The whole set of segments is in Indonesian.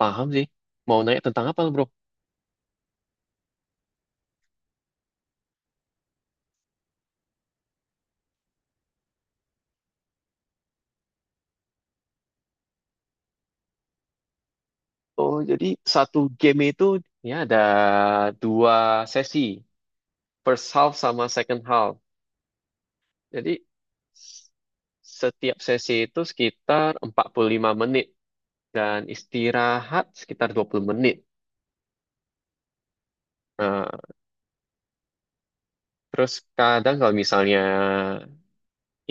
Paham sih. Mau nanya tentang apa, bro? Oh, jadi satu game itu ya ada dua sesi, first half sama second half. Jadi s- setiap sesi itu sekitar 45 menit dan istirahat sekitar 20 menit. Nah, terus kadang kalau misalnya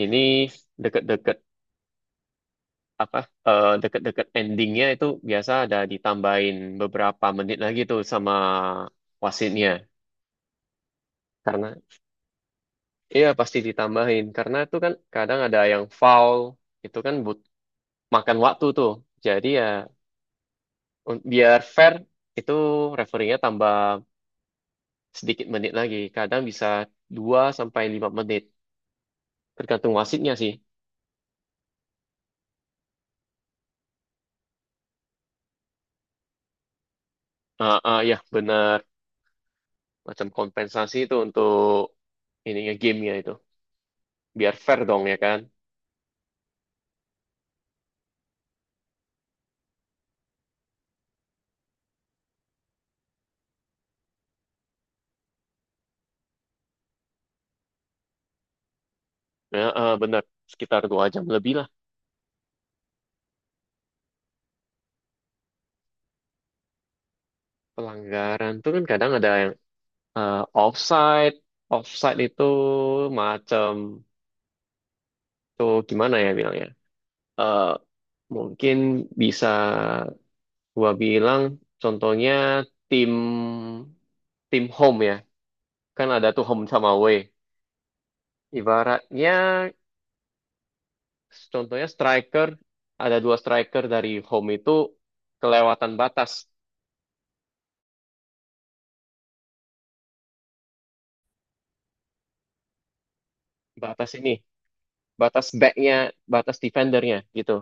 ini deket-deket apa deket-deket endingnya itu biasa ada ditambahin beberapa menit lagi tuh sama wasitnya. Karena Iya pasti ditambahin karena itu kan kadang ada yang foul itu kan but makan waktu tuh. Jadi ya biar fair itu referee tambah sedikit menit lagi. Kadang bisa 2 sampai 5 menit tergantung wasitnya sih. Ah ah, ya benar macam kompensasi itu untuk ininya gamenya itu. Biar fair dong ya kan. Ah, ah, benar sekitar 2 jam lebih lah. Pelanggaran tuh kan kadang ada yang offside. Offside itu macam itu gimana ya bilangnya? Eh mungkin bisa gua bilang contohnya tim tim home ya. Kan ada tuh home sama away. Ibaratnya contohnya striker ada dua striker dari home itu kelewatan batas batas ini batas backnya batas defendernya gitu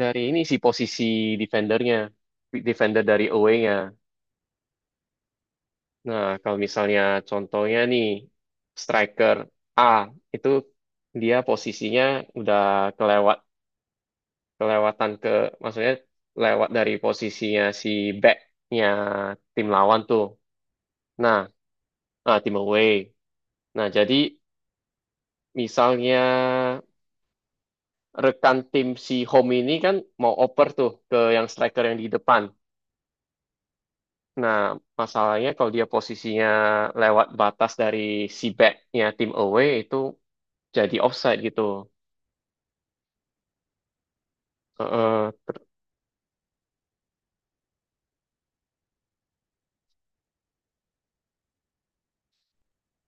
dari ini sih posisi defendernya defender dari away-nya. Nah, kalau misalnya contohnya nih, striker A itu dia posisinya udah kelewat kelewatan ke, maksudnya lewat dari posisinya si backnya tim lawan tuh. Nah, nah, tim away. Nah, jadi misalnya rekan tim si home ini kan mau oper tuh ke yang striker yang di depan. Nah, masalahnya kalau dia posisinya lewat batas dari si backnya tim away itu jadi offside gitu. eh,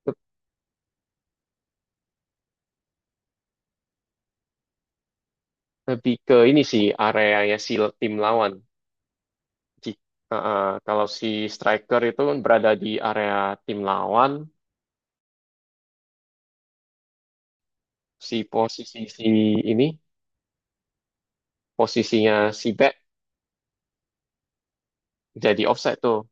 te- Lebih ke ini sih areanya si tim lawan. Ji- eh, Kalau si striker itu kan berada di area tim lawan, si posisi si ini posisinya si back jadi offside tuh.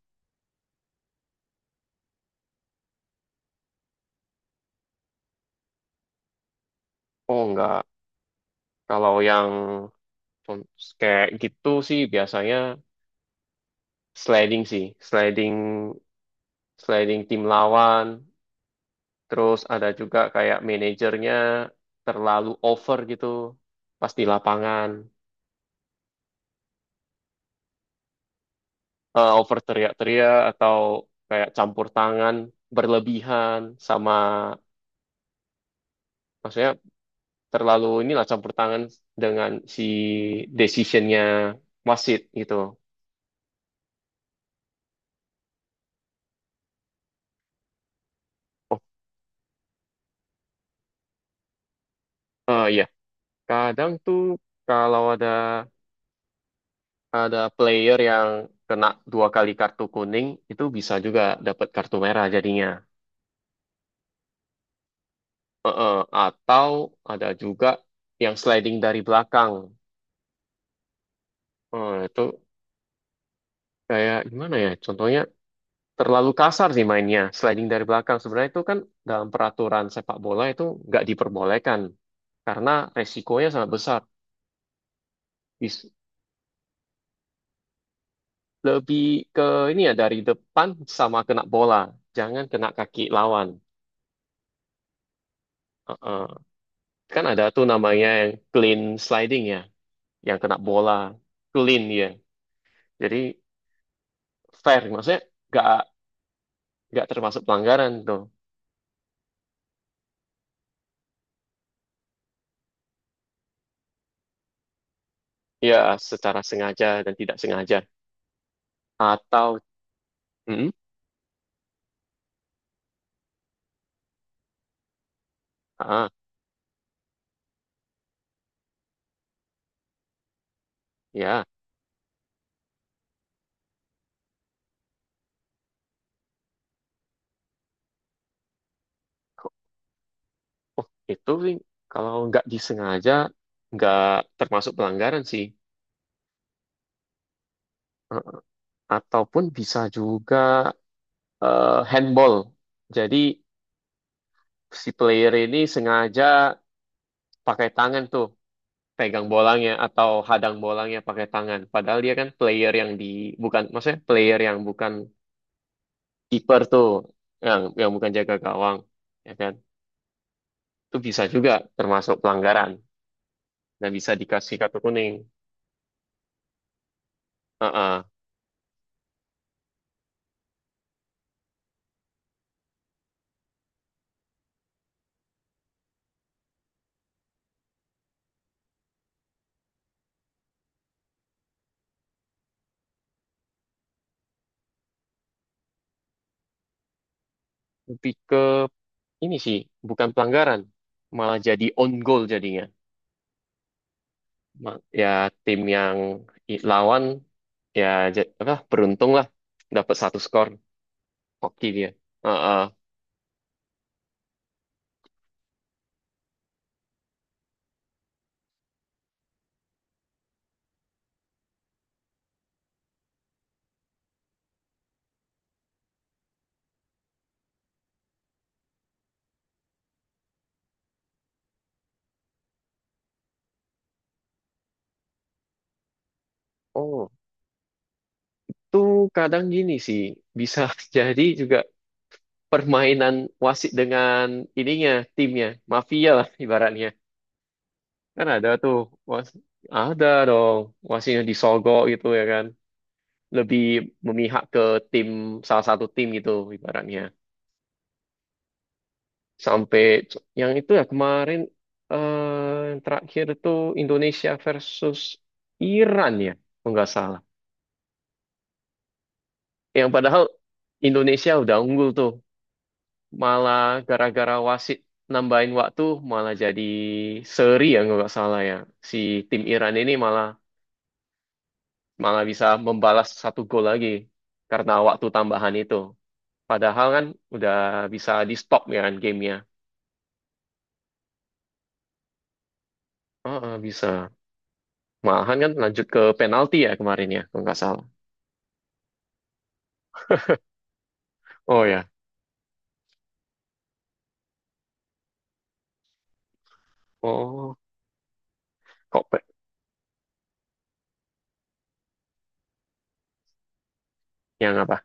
Oh enggak. Kalau yang con- kayak gitu sih biasanya sliding sih, sliding sliding tim lawan. Terus ada juga kayak manajernya terlalu over gitu pas di lapangan. Over teriak-teriak atau kayak campur tangan berlebihan sama maksudnya terlalu inilah campur tangan dengan si decisionnya wasit gitu. Oh iya, kadang tuh kalau ada player yang kena dua kali kartu kuning itu bisa juga dapat kartu merah jadinya. Eh, eh, atau ada juga yang sliding dari belakang. Itu kayak gimana ya? Contohnya terlalu kasar sih mainnya. Sliding dari belakang sebenarnya itu kan dalam peraturan sepak bola itu nggak diperbolehkan karena resikonya sangat besar. Bis- Lebih ke ini ya dari depan sama kena bola, jangan kena kaki lawan. Uh-uh. Kan ada tuh namanya yang clean sliding ya, yang kena bola clean ya. Jadi fair, maksudnya nggak nggak termasuk pelanggaran tuh. Ya secara sengaja dan tidak sengaja atau mm, ah ya. Oh, itu sih kalau nggak disengaja nggak termasuk pelanggaran sih. Eh, Ataupun bisa juga handball. Jadi si player ini sengaja pakai tangan tuh pegang bolanya atau hadang bolanya pakai tangan. Padahal dia kan player yang di bukan maksudnya player yang bukan kiper tuh yang bukan jaga gawang ya kan. Itu bisa juga termasuk pelanggaran dan bisa dikasih kartu kuning. Heeh. Lebih ke ini sih bukan pelanggaran, malah jadi on goal jadinya. Ya tim yang lawan ya apa beruntung lah dapat satu skor hoki dia. Heeh. Oh, tuh kadang gini sih bisa jadi juga permainan wasit dengan ininya timnya mafia lah ibaratnya. Kan ada tuh was ada dong wasitnya disogok gitu ya kan. Lebih memihak ke tim salah satu tim gitu ibaratnya. Sampai yang itu ya kemarin yang terakhir itu Indonesia versus Iran ya, kalau nggak salah. Yang padahal Indonesia udah unggul tuh, malah gara-gara wasit nambahin waktu malah jadi seri ya kalau nggak salah ya. Si tim Iran ini malah malah bisa membalas satu gol lagi karena waktu tambahan itu. Padahal kan udah bisa di stop ya kan gamenya. Oh, bisa. Malahan kan lanjut ke penalti ya kemarin ya, kalau nggak salah. Oh ya, oh kok yang apa?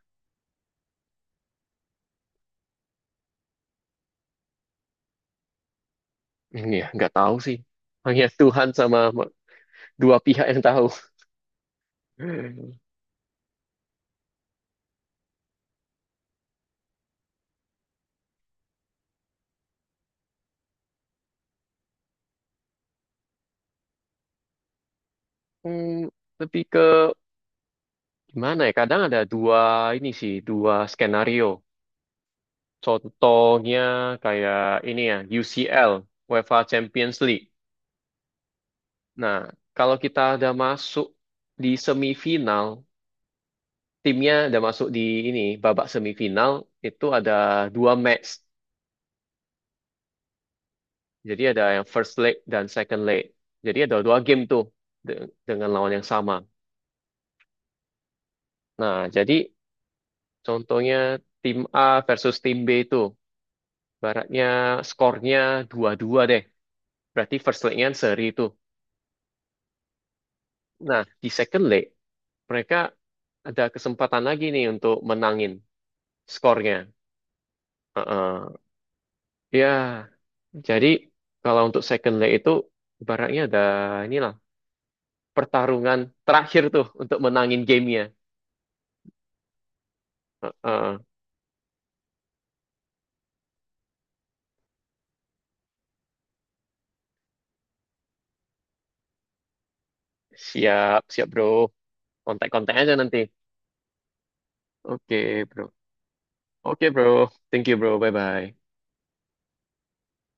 Ini ya, nggak tahu sih. Hanya Tuhan sama dua pihak yang tahu. Hmm, Lebih ke gimana ya? Kadang ada dua skenario. Contohnya kayak ini ya, UCL, UEFA Champions League. Nah, kalau kita ada masuk di semifinal, timnya ada masuk di ini babak semifinal itu ada dua match. Jadi ada yang first leg dan second leg. Jadi ada dua game tuh dengan lawan yang sama. Nah, jadi contohnya tim A versus tim B itu baratnya skornya 2-2 deh. Berarti first leg-nya seri itu. Nah, di second leg mereka ada kesempatan lagi nih untuk menangin skornya. Heeh. Ya, jadi kalau untuk second leg itu baratnya ada inilah pertarungan terakhir tuh untuk menangin gamenya. Heeh. Siap, siap bro. Kontak-kontak aja nanti. Oke bro. Oke bro. Thank you bro. Bye-bye.